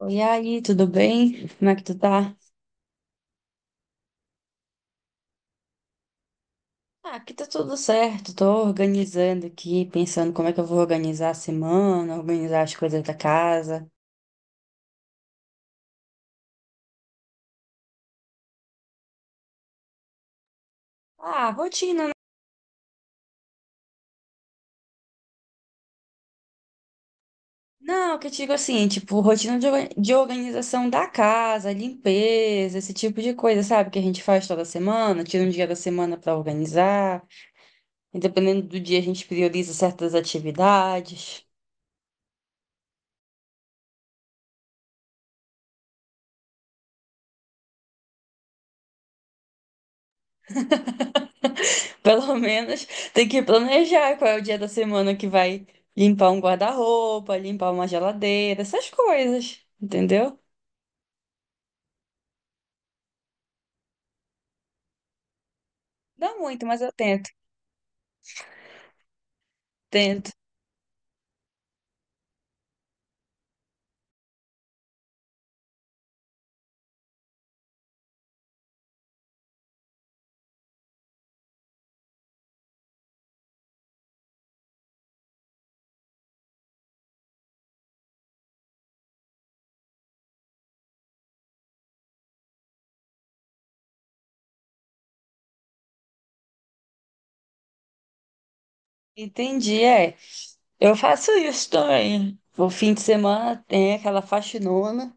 Oi, aí, tudo bem? Como é que tu tá? Ah, aqui tá tudo certo. Tô organizando aqui, pensando como é que eu vou organizar a semana, organizar as coisas da casa. Ah, rotina, né? Não, que eu digo assim, tipo, rotina de organização da casa, limpeza, esse tipo de coisa, sabe? Que a gente faz toda semana, tira um dia da semana pra organizar. E dependendo do dia, a gente prioriza certas atividades. Pelo menos tem que planejar qual é o dia da semana que vai limpar um guarda-roupa, limpar uma geladeira, essas coisas, entendeu? Dá muito, mas eu tento, tento. Entendi, é. Eu faço isso também. O fim de semana tem aquela faxinona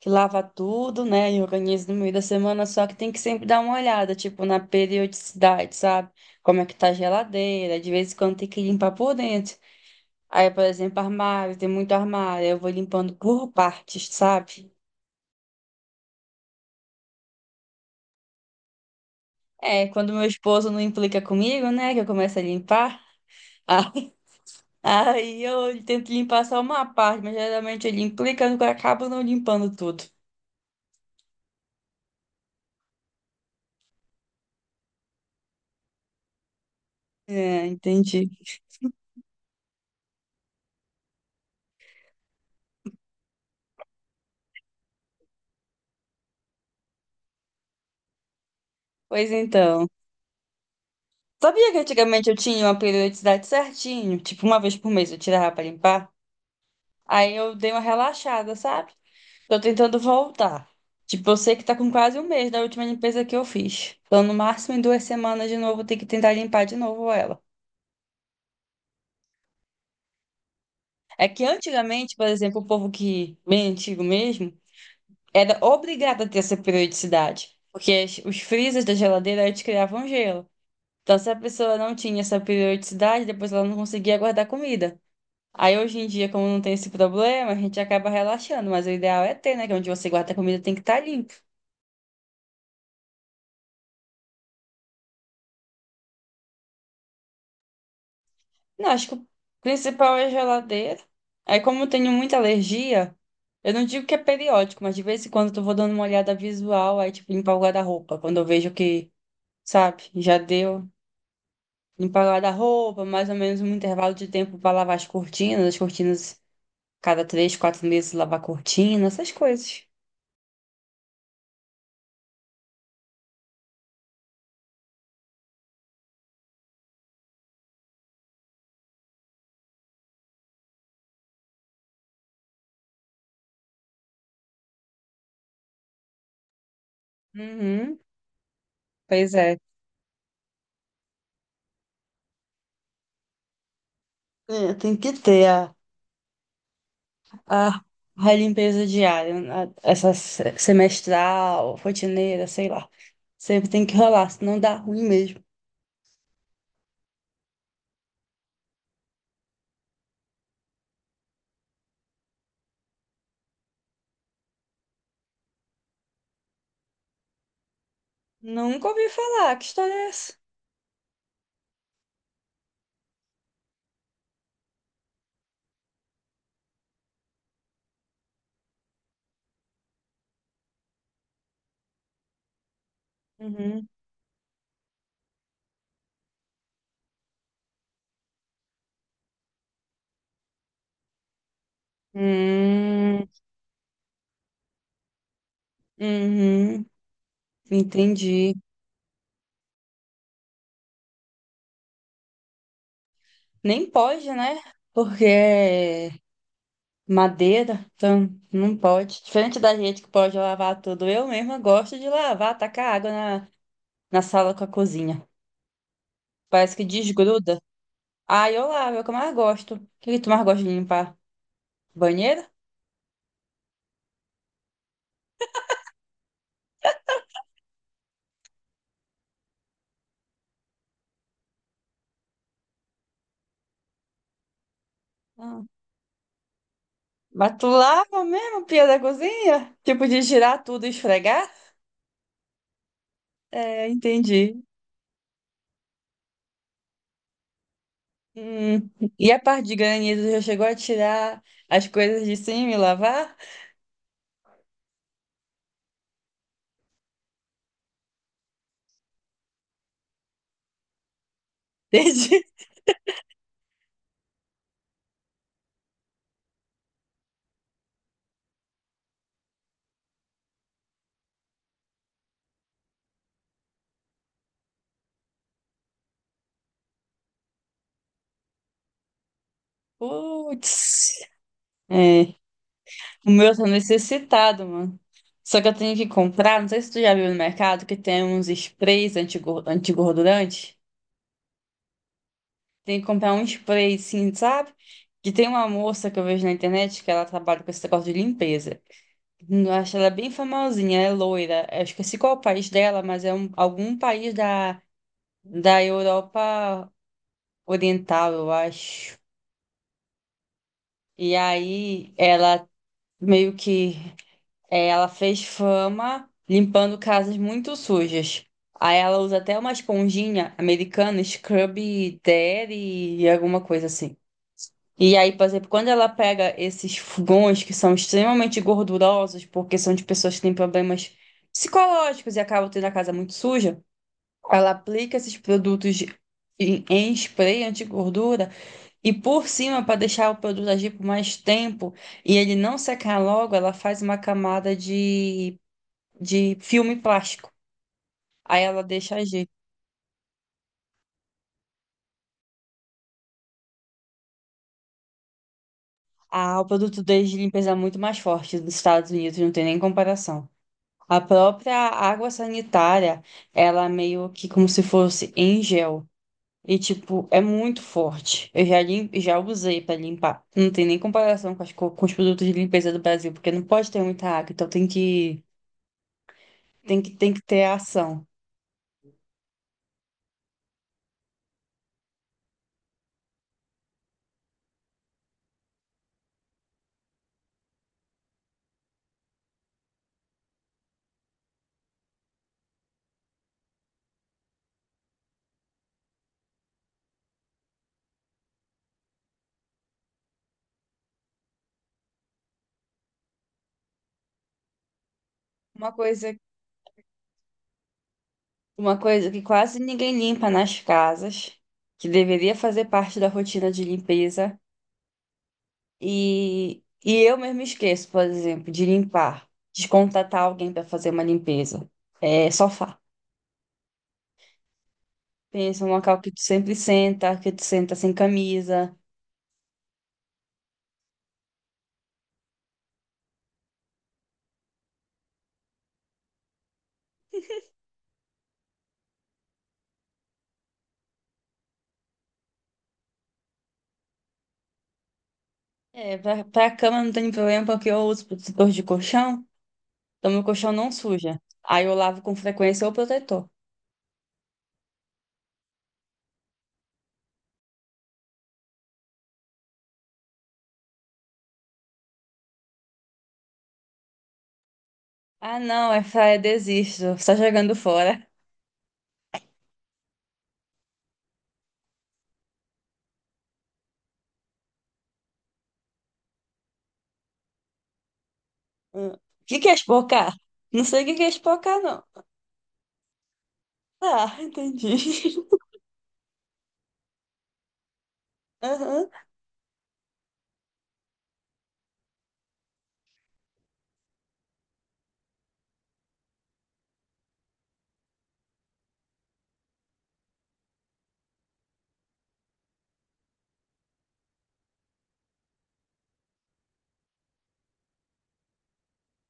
que lava tudo, né? E organiza no meio da semana, só que tem que sempre dar uma olhada, tipo, na periodicidade, sabe? Como é que tá a geladeira, de vez em quando tem que limpar por dentro. Aí, por exemplo, armário, tem muito armário, eu vou limpando por partes, sabe? É, quando meu esposo não implica comigo, né, que eu começo a limpar, aí aí eu tento limpar só uma parte, mas geralmente ele implica, eu acabo não limpando tudo. É, entendi. Pois então. Sabia que antigamente eu tinha uma periodicidade certinho? Tipo, uma vez por mês eu tirava pra limpar. Aí eu dei uma relaxada, sabe? Tô tentando voltar. Tipo, eu sei que tá com quase um mês da última limpeza que eu fiz. Então, no máximo, em 2 semanas de novo, eu tenho que tentar limpar de novo ela. É que antigamente, por exemplo, o povo que, bem antigo mesmo, era obrigado a ter essa periodicidade. Porque os freezers da geladeira eles criavam gelo. Então, se a pessoa não tinha essa periodicidade, depois ela não conseguia guardar comida. Aí, hoje em dia, como não tem esse problema, a gente acaba relaxando. Mas o ideal é ter, né? Que é onde você guarda a comida tem que estar limpo. Não, acho que o principal é a geladeira. Aí, como eu tenho muita alergia, eu não digo que é periódico, mas de vez em quando eu vou dando uma olhada visual, aí, tipo, limpar o guarda-roupa. Quando eu vejo que, sabe, já deu. Limpar o guarda-roupa, mais ou menos um intervalo de tempo para lavar as cortinas, cada 3, 4 meses lavar a cortina, essas coisas. Uhum, pois é. É, tem que ter A, a limpeza diária, né? Essa semestral, rotineira, sei lá. Sempre tem que rolar, senão dá ruim mesmo. Nunca ouvi falar, que história é essa? Uhum. Hum, uhum, entendi. Nem pode, né? Porque é madeira, então não pode. Diferente da gente que pode lavar tudo, eu mesma gosto de lavar, tacar água na, na sala com a cozinha. Parece que desgruda. Ah, eu lavo, é o que eu mais gosto. O que que tu mais gosta de limpar? Banheiro? Ah, mas tu lava mesmo, a pia da cozinha? Tipo de girar tudo e esfregar? É, entendi. Hum, E a parte de granizo já chegou a tirar as coisas de cima e lavar? Entendi. Putz. É, o meu tá necessitado, mano. Só que eu tenho que comprar, não sei se tu já viu no mercado, que tem uns sprays antigordurantes. Tem que comprar um spray, sim, sabe? Que tem uma moça que eu vejo na internet que ela trabalha com esse negócio de limpeza. Eu acho ela é bem famosinha, é loira. Eu esqueci qual é o país dela, mas é algum país da, Europa Oriental, eu acho. E aí ela meio que ela fez fama limpando casas muito sujas. Aí ela usa até uma esponjinha americana, Scrub Daddy e alguma coisa assim. E aí, por exemplo, quando ela pega esses fogões que são extremamente gordurosos, porque são de pessoas que têm problemas psicológicos e acabam tendo a casa muito suja, ela aplica esses produtos em spray anti-gordura e por cima, para deixar o produto agir por mais tempo e ele não secar logo, ela faz uma camada de filme plástico. Aí ela deixa agir. Ah, o produto deles de limpeza é muito mais forte dos Estados Unidos, não tem nem comparação. A própria água sanitária, ela é meio que como se fosse em gel. E, tipo, é muito forte. Eu já, já usei para limpar. Não tem nem comparação com os produtos de limpeza do Brasil, porque não pode ter muita água, então Tem que ter ação. Uma coisa... Uma coisa que quase ninguém limpa nas casas, que deveria fazer parte da rotina de limpeza, e eu mesmo esqueço, por exemplo, de limpar, de contratar alguém para fazer uma limpeza. É sofá. Pensa um local que tu sempre senta, que tu senta sem camisa. É, pra, pra cama não tem problema porque eu uso protetor de colchão, então meu colchão não suja. Aí eu lavo com frequência o protetor. Ah, não, é fraia, desisto, só jogando fora. Hum. O que que é espocar? Não sei o que que é espocar, não. Tá, entendi. Aham,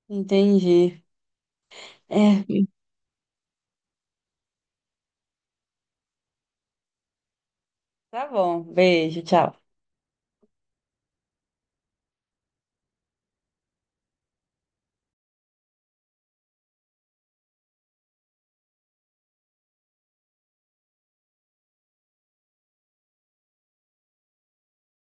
entendi. É, tá bom, beijo, tchau.